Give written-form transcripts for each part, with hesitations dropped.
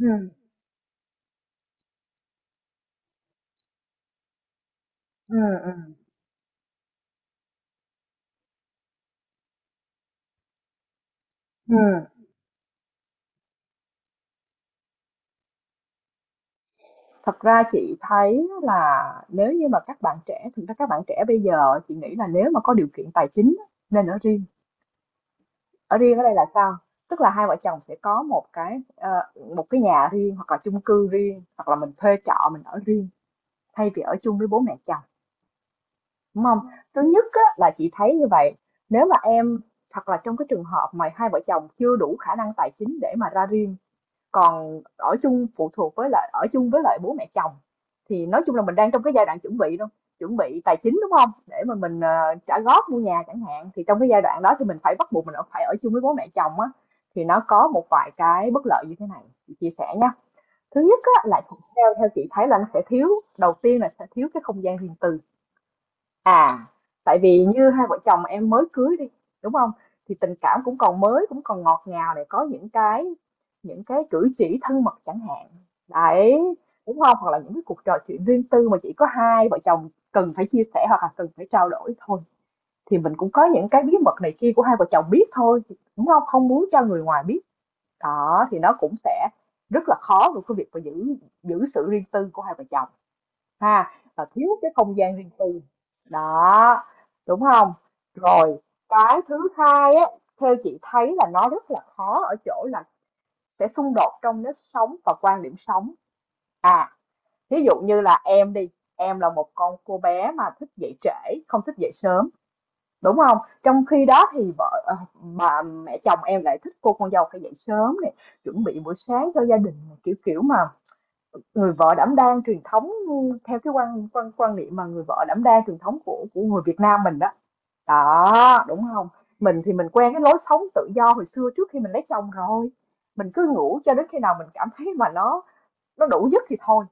Ừ, ừ, ừ, ừm. Thật ra chị thấy là nếu như mà các bạn trẻ, thực ra các bạn trẻ bây giờ chị nghĩ là nếu mà có điều kiện tài chính á, nên ở riêng. Ở riêng ở đây là sao? Tức là hai vợ chồng sẽ có một cái nhà riêng hoặc là chung cư riêng hoặc là mình thuê trọ mình ở riêng thay vì ở chung với bố mẹ chồng, đúng không? Thứ nhất á, là chị thấy như vậy. Nếu mà em hoặc là trong cái trường hợp mà hai vợ chồng chưa đủ khả năng tài chính để mà ra riêng, còn ở chung phụ thuộc với lại ở chung với lại bố mẹ chồng, thì nói chung là mình đang trong cái giai đoạn chuẩn bị luôn, chuẩn bị tài chính, đúng không, để mà mình trả góp mua nhà chẳng hạn. Thì trong cái giai đoạn đó thì mình phải bắt buộc mình phải ở chung với bố mẹ chồng á, thì nó có một vài cái bất lợi như thế này, chị chia sẻ nha. Thứ nhất á, là theo theo chị thấy là nó sẽ thiếu, đầu tiên là sẽ thiếu cái không gian riêng tư. À, tại vì như hai vợ chồng em mới cưới đi, đúng không? Thì tình cảm cũng còn mới, cũng còn ngọt ngào, để có những cái cử chỉ thân mật chẳng hạn. Đấy, đúng không? Hoặc là những cái cuộc trò chuyện riêng tư mà chỉ có hai vợ chồng cần phải chia sẻ hoặc là cần phải trao đổi thôi. Thì mình cũng có những cái bí mật này kia của hai vợ chồng biết thôi, đúng không? Không muốn cho người ngoài biết. Đó, thì nó cũng sẽ rất là khó với cái việc mà giữ giữ sự riêng tư của hai vợ chồng, ha, và thiếu cái không gian riêng tư đó, đúng không? Rồi, cái thứ hai á, theo chị thấy là nó rất là khó ở chỗ là sẽ xung đột trong nếp sống và quan điểm sống. À, ví dụ như là em đi, em là một con cô bé mà thích dậy trễ không thích dậy sớm, đúng không? Trong khi đó thì bà mẹ chồng em lại thích cô con dâu phải dậy sớm này, chuẩn bị buổi sáng cho gia đình này, kiểu kiểu mà, người vợ đảm đang truyền thống, theo cái quan quan quan niệm mà người vợ đảm đang truyền thống của người Việt Nam mình đó. Đó, đúng không? Mình thì mình quen cái lối sống tự do hồi xưa trước khi mình lấy chồng rồi. Mình cứ ngủ cho đến khi nào mình cảm thấy mà nó đủ giấc thì thôi.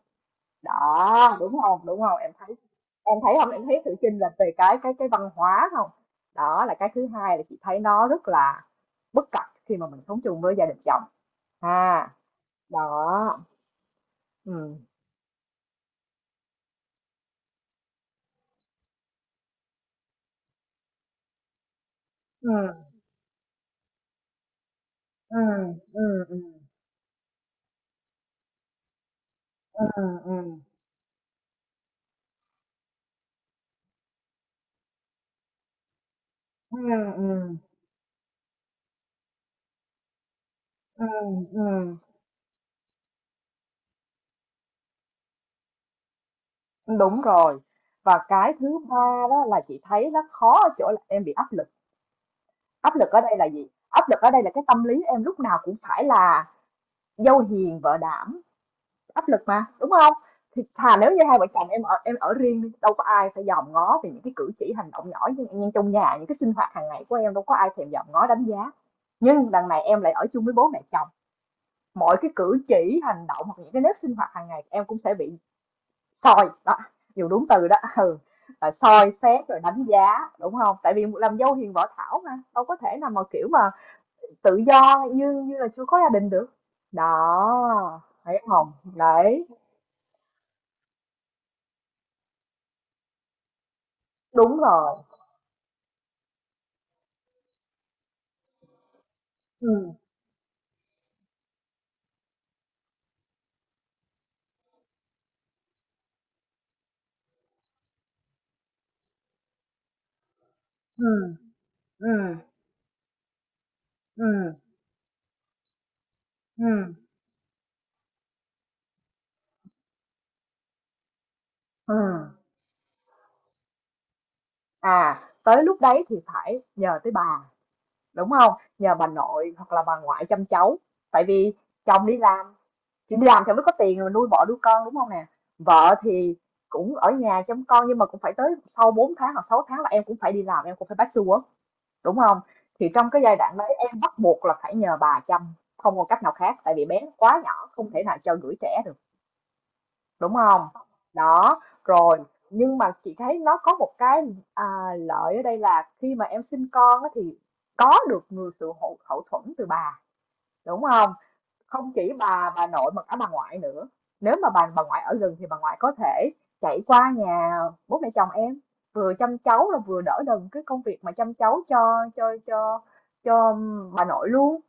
Đó, đúng không? Đúng không? Em thấy không? Em thấy sự chênh lệch về cái văn hóa không? Đó là cái thứ hai là chị thấy nó rất là bất cập khi mà mình sống chung với gia đình chồng, ha. Đó. Ừm, ừm, ừm, ừm. Ừ, ừ, ừ, ừ, ừm, ừm, đúng rồi. Và cái thứ ba đó là chị thấy nó khó ở chỗ là em bị áp lực. Áp lực ở đây là gì? Áp lực ở đây là cái tâm lý em lúc nào cũng phải là dâu hiền vợ đảm, áp lực mà, đúng không? Thì thà nếu như hai vợ chồng em ở, em ở riêng đi, đâu có ai phải dòm ngó về những cái cử chỉ hành động nhỏ như trong nhà, những cái sinh hoạt hàng ngày của em đâu có ai thèm dòm ngó đánh giá. Nhưng đằng này em lại ở chung với bố mẹ chồng, mọi cái cử chỉ hành động hoặc những cái nếp sinh hoạt hàng ngày em cũng sẽ bị soi, đó, dùng đúng từ đó, ừ, là soi xét rồi đánh giá, đúng không? Tại vì làm dâu hiền võ thảo mà, đâu có thể nào mà, kiểu mà, tự do như như là chưa có gia đình được. Đó, thấy hông? Đấy, đúng rồi. Ừm, ừm, ừm, ừm, ừm, ừm. À, tới lúc đấy thì phải nhờ tới bà, đúng không? Nhờ bà nội hoặc là bà ngoại chăm cháu, tại vì chồng đi làm, thì đi làm thì mới có tiền rồi nuôi bỏ đứa con, đúng không nè? Vợ thì cũng ở nhà chăm con, nhưng mà cũng phải tới sau 4 tháng hoặc 6 tháng là em cũng phải đi làm, em cũng phải bachelor, đúng không? Thì trong cái giai đoạn đấy em bắt buộc là phải nhờ bà chăm, không còn cách nào khác, tại vì bé nó quá nhỏ, không thể nào cho gửi trẻ được, đúng không? Đó, rồi. Nhưng mà chị thấy nó có một cái, à, lợi ở đây là khi mà em sinh con á thì có được người sự hậu thuẫn từ bà, đúng không? Không chỉ bà nội mà cả bà ngoại nữa. Nếu mà bà ngoại ở gần thì bà ngoại có thể chạy qua nhà bố mẹ chồng em, vừa chăm cháu là vừa đỡ đần cái công việc mà chăm cháu cho cho bà nội luôn.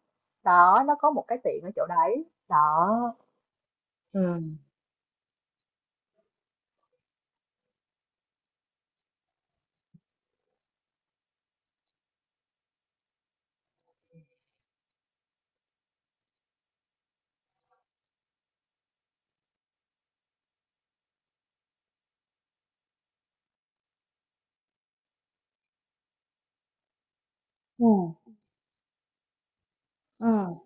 Đó, nó có một cái tiện ở chỗ đấy đó. Ừ. Ừ, ừ.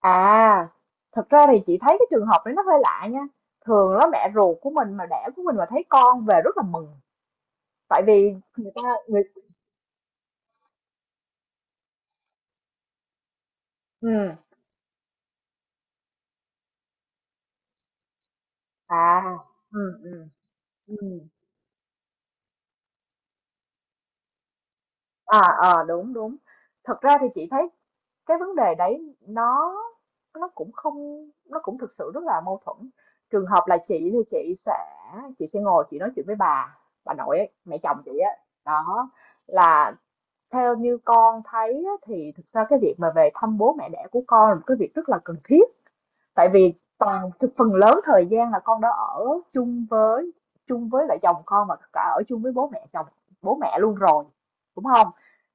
À, thật ra thì chị thấy cái trường hợp đấy nó hơi lạ nha. Thường là mẹ ruột của mình mà đẻ của mình mà thấy con về rất là mừng. Tại vì người ta, người... Ừ, à, ừ, ừ. Ừ. À, ờ, đúng, đúng. Thật ra thì chị thấy cái vấn đề đấy nó cũng không, nó cũng thực sự rất là mâu thuẫn. Trường hợp là chị thì chị sẽ ngồi chị nói chuyện với bà nội ấy, mẹ chồng chị á. Đó là, theo như con thấy á, thì thực ra cái việc mà về thăm bố mẹ đẻ của con là một cái việc rất là cần thiết, tại vì toàn, phần lớn thời gian là con đã ở chung với, chung với lại chồng con và cả ở chung với bố mẹ chồng, bố mẹ luôn rồi, đúng không?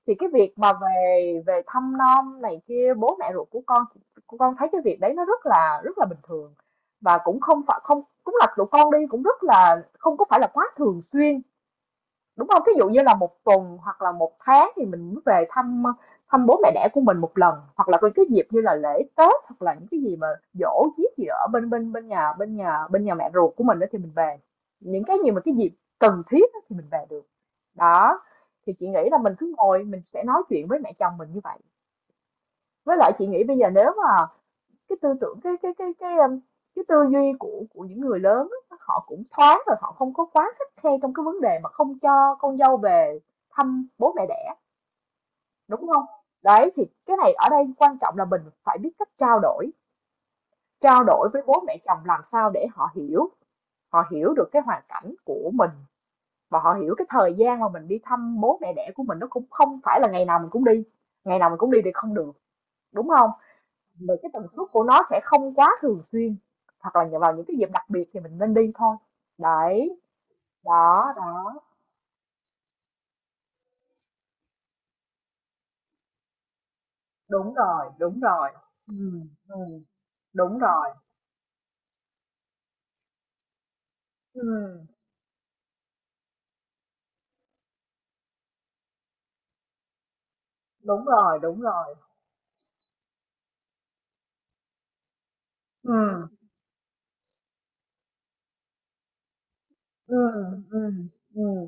Thì cái việc mà về về thăm nom này kia bố mẹ ruột của con thấy cái việc đấy nó rất là bình thường, và cũng không phải không, cũng là tụi con đi cũng rất là không có phải là quá thường xuyên. Đúng không? Ví dụ như là một tuần hoặc là một tháng thì mình mới về thăm, thăm bố mẹ đẻ của mình một lần, hoặc là có cái dịp như là lễ Tết, hoặc là những cái gì mà giỗ giết gì ở bên bên bên nhà bên nhà bên nhà mẹ ruột của mình á thì mình về. Những cái gì mà cái dịp cần thiết á thì mình về được. Đó, thì chị nghĩ là mình cứ ngồi mình sẽ nói chuyện với mẹ chồng mình như vậy. Với lại chị nghĩ bây giờ nếu mà cái tư tưởng cái tư duy của những người lớn á, họ cũng thoáng rồi, họ không có quá khắt khe trong cái vấn đề mà không cho con dâu về thăm bố mẹ đẻ, đúng không? Đấy, thì cái này ở đây quan trọng là mình phải biết cách trao đổi với bố mẹ chồng làm sao để họ hiểu được cái hoàn cảnh của mình, và họ hiểu cái thời gian mà mình đi thăm bố mẹ đẻ của mình nó cũng không phải là ngày nào mình cũng đi, ngày nào mình cũng đi thì không được, đúng không? Vì cái tần suất của nó sẽ không quá thường xuyên, hoặc là nhờ vào những cái dịp đặc biệt thì mình nên đi thôi. Đấy, đó, đó. Đúng rồi, đúng rồi. Ừm. Đúng rồi. Ừm, đúng rồi, đúng rồi. Ừm, ừm, ừm, ừm,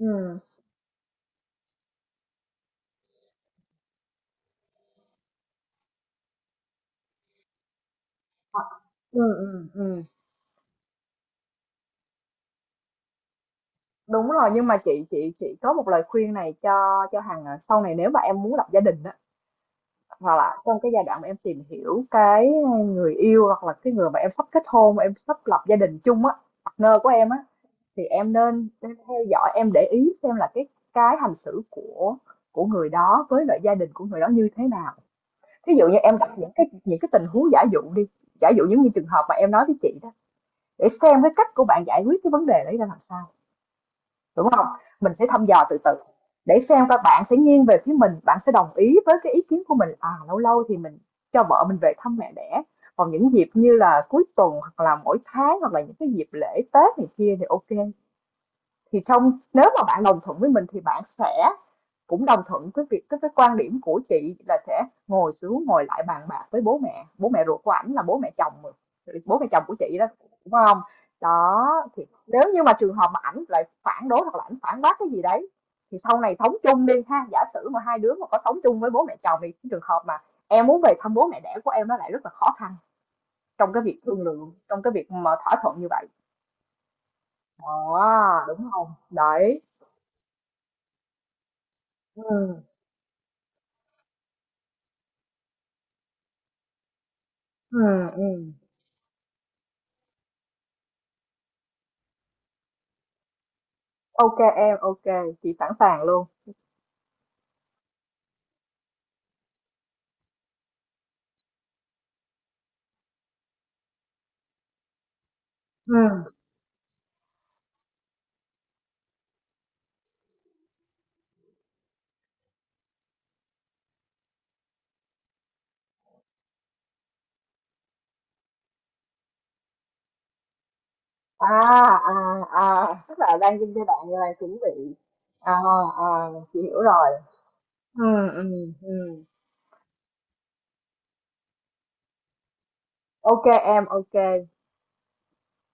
ừm, ừm, ừm, ừm. Đúng rồi, nhưng mà chị có một lời khuyên này cho Hằng, à, sau này nếu mà em muốn lập gia đình á, hoặc là trong cái giai đoạn mà em tìm hiểu cái người yêu hoặc là cái người mà em sắp kết hôn, em sắp lập gia đình chung á, partner của em á, thì em nên theo dõi, em để ý xem là cái hành xử của người đó với lại gia đình của người đó như thế nào. Ví dụ như em gặp những cái tình huống giả dụ đi, giả dụ những như trường hợp mà em nói với chị đó, để xem cái cách của bạn giải quyết cái vấn đề đấy ra làm sao. Đúng không? Mình sẽ thăm dò từ từ để xem các bạn sẽ nghiêng về phía mình, bạn sẽ đồng ý với cái ý kiến của mình. À, lâu lâu thì mình cho vợ mình về thăm mẹ đẻ, còn những dịp như là cuối tuần hoặc là mỗi tháng hoặc là những cái dịp lễ Tết này kia thì ok. Thì trong, nếu mà bạn đồng thuận với mình thì bạn sẽ cũng đồng thuận với việc cái quan điểm của chị là sẽ ngồi xuống ngồi lại bàn bạc với bố mẹ ruột của ảnh, là bố mẹ chồng, bố mẹ chồng của chị đó, đúng không? Đó. Thì nếu như mà trường hợp mà ảnh lại phản đối hoặc là ảnh phản bác cái gì đấy, thì sau này sống chung đi ha, giả sử mà hai đứa mà có sống chung với bố mẹ chồng, thì cái trường hợp mà em muốn về thăm bố mẹ đẻ của em nó lại rất là khó khăn trong cái việc thương lượng, trong cái việc mà thỏa thuận như vậy đó, đúng không? Đấy. Ừ, ừ, ừ. OK em, OK. Chị sẵn sàng luôn. Ừ, à, à, à, tức là đang trong giai đoạn là chuẩn bị. À, à, chị hiểu rồi. Ừ, ừ, ừ. OK em, OK.